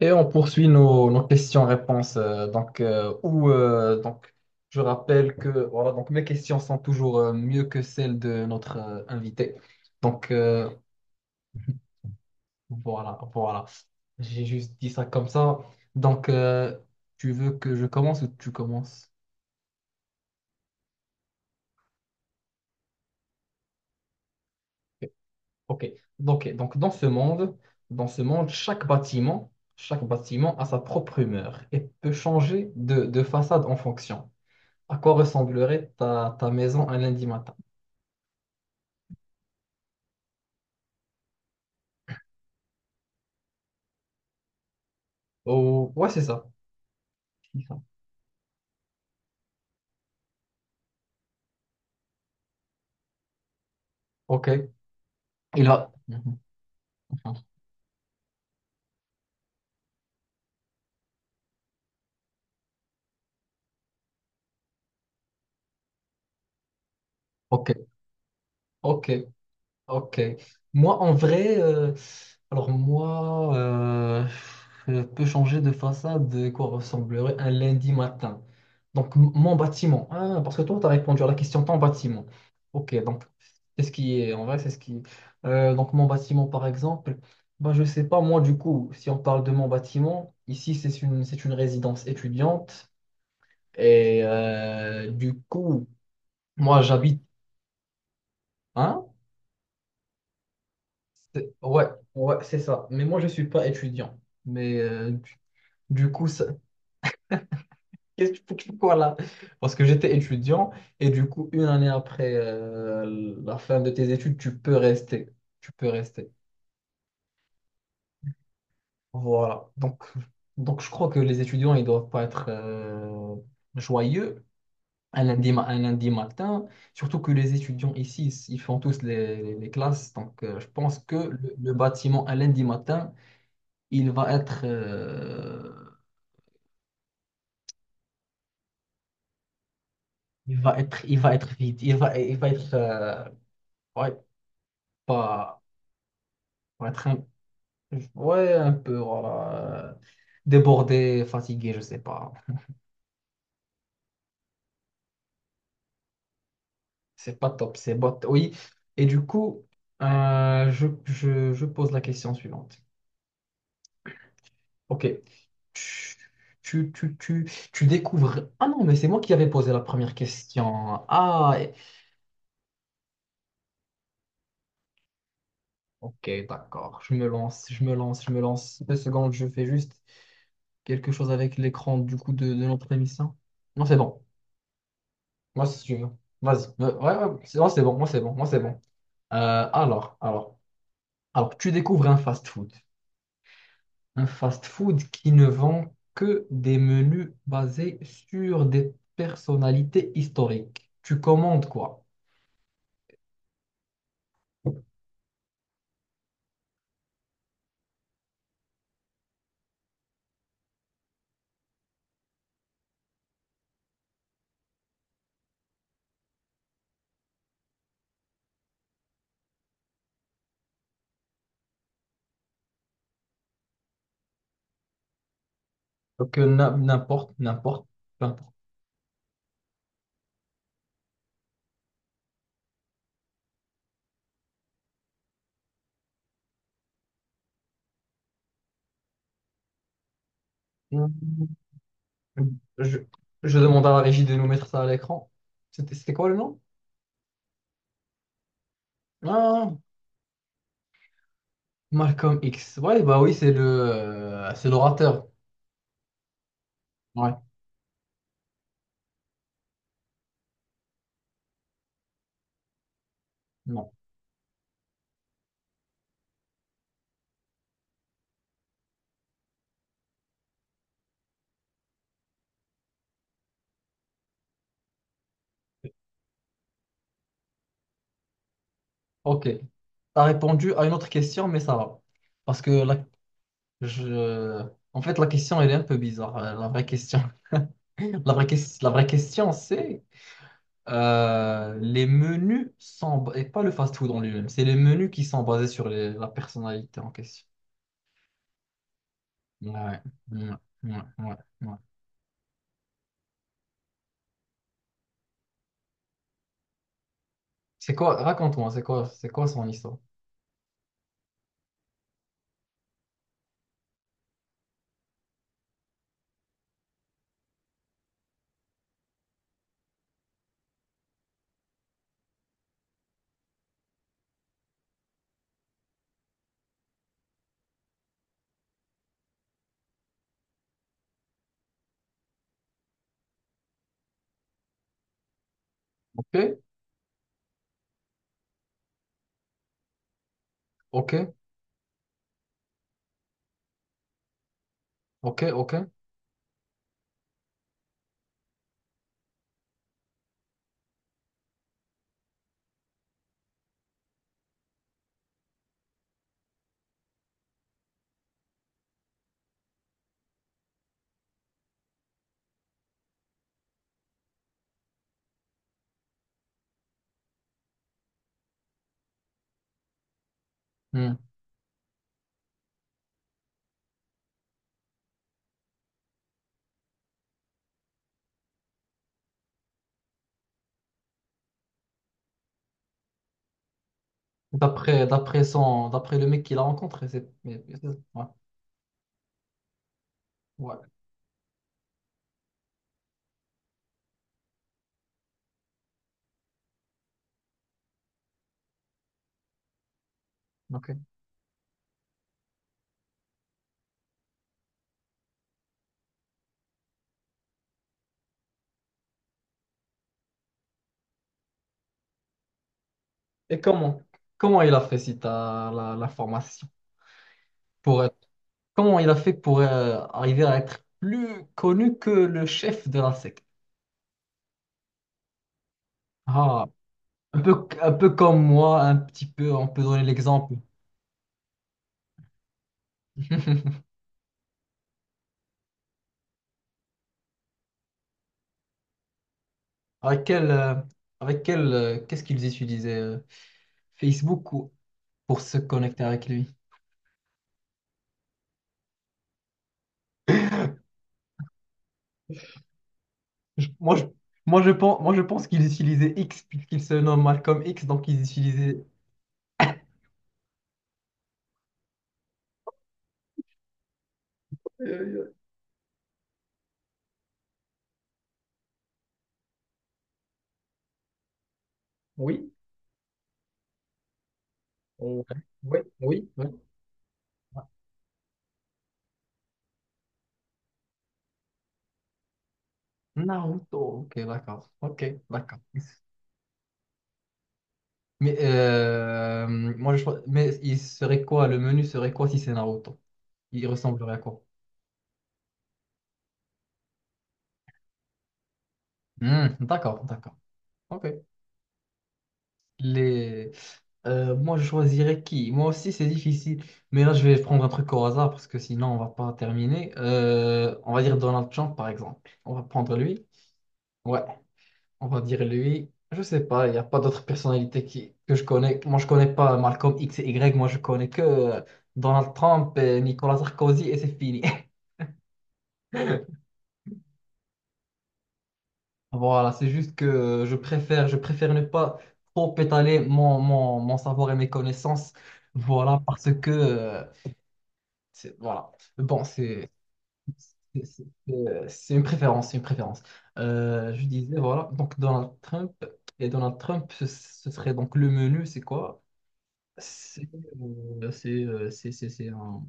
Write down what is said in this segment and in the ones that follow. Et on poursuit nos questions-réponses. Je rappelle que voilà, donc mes questions sont toujours mieux que celles de notre invité. Donc, euh, voilà, voilà. J'ai juste dit ça comme ça. Donc, euh, Tu veux que je commence ou tu commences? Ok. Donc, dans ce monde, chaque bâtiment a sa propre humeur et peut changer de façade en fonction. À quoi ressemblerait ta maison un lundi matin? Oh, ouais, c'est ça. C'est ça. Ok. Il va. Ok, ok, ok. Moi, en vrai, alors moi, euh, je peux changer de façade de quoi ressemblerait un lundi matin. Donc, mon bâtiment. Ah, parce que toi, tu as répondu à la question ton bâtiment. Ok, donc, c'est ce qui est, en vrai, c'est ce qui... mon bâtiment, par exemple, bah, je sais pas, moi, du coup, si on parle de mon bâtiment, ici, c'est une résidence étudiante. Et du coup, moi j'habite, hein? Ouais, ouais, c'est ça. Mais moi je suis pas étudiant. Mais du coup, ça... qu'est-ce que pourquoi là? Parce que j'étais étudiant et du coup, une année après la fin de tes études, tu peux rester. Tu peux rester. Voilà. Donc je crois que les étudiants, ils doivent pas être joyeux. Un lundi, un lundi matin, surtout que les étudiants ici, ils font tous les classes. Donc, je pense que le bâtiment, un lundi matin, il va être, euh, il va être vide. Il va être, ouais, pas, va être un, ouais, un peu, voilà, débordé, fatigué, je sais pas. C'est pas top, c'est bot, oui. Et du coup, je pose la question suivante. Ok. Tu, tu découvres. Ah non, mais c'est moi qui avais posé la première question. Ah, ok, d'accord. Je me lance. Deux secondes, je fais juste quelque chose avec l'écran du coup de notre émission. Non, c'est bon. Moi, si tu veux. Vas-y. Ouais, ouais, c'est non, c'est bon, moi, c'est bon. Euh, alors, alors, alors, tu découvres un fast-food. Un fast-food qui ne vend que des menus basés sur des personnalités historiques. Tu commandes quoi? N'importe, peu importe. Je, je demande à la régie de nous mettre ça à l'écran. C'était quoi le nom? Ah, Malcolm X. Ouais, bah oui, c'est c'est l'orateur. Ouais, non. Ok. T'as répondu à une autre question, mais ça va. Parce que la, je... En fait, la question, elle est un peu bizarre. La vraie question, la vraie question, c'est les menus sont, et pas le fast-food en lui-même, c'est les menus qui sont basés sur la personnalité en question. Ouais, ouais, ouais, ouais, ouais. C'est quoi, raconte-moi, c'est quoi son histoire? Ok, ok, ok, ok. Hmm. D'après le mec qu'il a rencontré, c'est, mais ouais, ouais, ok. Et comment, comment il a fait si t'as la formation pour être, comment il a fait pour arriver à être plus connu que le chef de la secte? Ah, un peu comme moi, un petit peu, on peut donner l'exemple. Avec quel, euh, avec quel, qu'est-ce qu'ils utilisaient Facebook ou- pour se connecter avec lui? Moi, je, Moi, je pense qu'ils utilisaient X puisqu'il se nomme Malcolm X, donc ils utilisaient... Euh, oui, ouais, oui, oui, oui. Naruto. Ok, d'accord. Ok, d'accord. Mais mais il serait quoi? Le menu serait quoi si c'est Naruto? Il ressemblerait à quoi? Hmm, d'accord, d'accord. Ok. Les... moi, je choisirais qui? Moi aussi, c'est difficile. Mais là, je vais prendre un truc au hasard parce que sinon, on va pas terminer. On va dire Donald Trump, par exemple. On va prendre lui. Ouais, on va dire lui. Je sais pas, il n'y a pas d'autres personnalités qui... que je connais. Moi, je connais pas Malcolm X et Y. Moi, je connais que Donald Trump et Nicolas Sarkozy et c'est fini. Voilà, c'est juste que je préfère ne pas trop étaler mon savoir et mes connaissances. Voilà, parce que Voilà. Bon, c'est c'est- c'est une préférence, c'est une préférence. Je disais, voilà, donc Donald Trump, et Donald Trump, ce serait donc le menu, c'est quoi? C'est c'est un...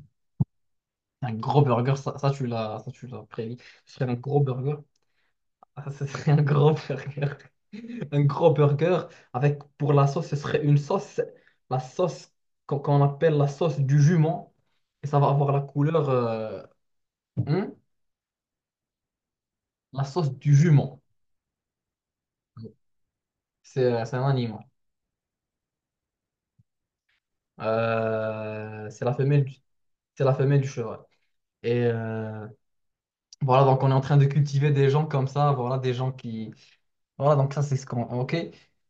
un gros burger, ça, tu l'as prévu. Ce serait un gros burger, Ah, ce serait un gros burger, un gros burger, avec pour la sauce, ce serait une sauce, la sauce qu'on appelle la sauce du jument, et ça va avoir la couleur... hein. La sauce du jument. C'est un animal. Euh, c'est la femelle du, c'est la femelle du cheval. Et voilà, donc on est en train de cultiver des gens comme ça, voilà, des gens qui... Voilà, donc ça c'est ce qu'on... Ok.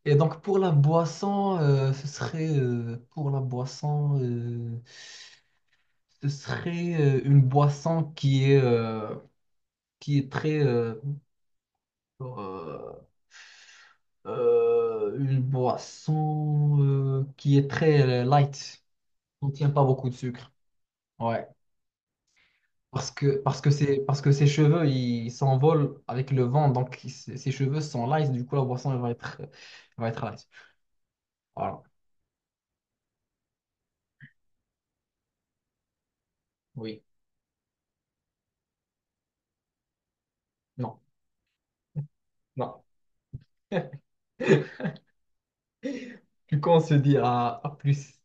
Et donc pour la boisson, ce serait... une boisson qui est très... euh, une boisson qui est très light. Contient pas beaucoup de sucre. Ouais. Parce que ses cheveux, ils s'envolent avec le vent. Donc, ses cheveux sont lisses. Du coup, la boisson, elle va être lisse. Voilà. Oui. Non. Non. Du coup, on se dit à plus.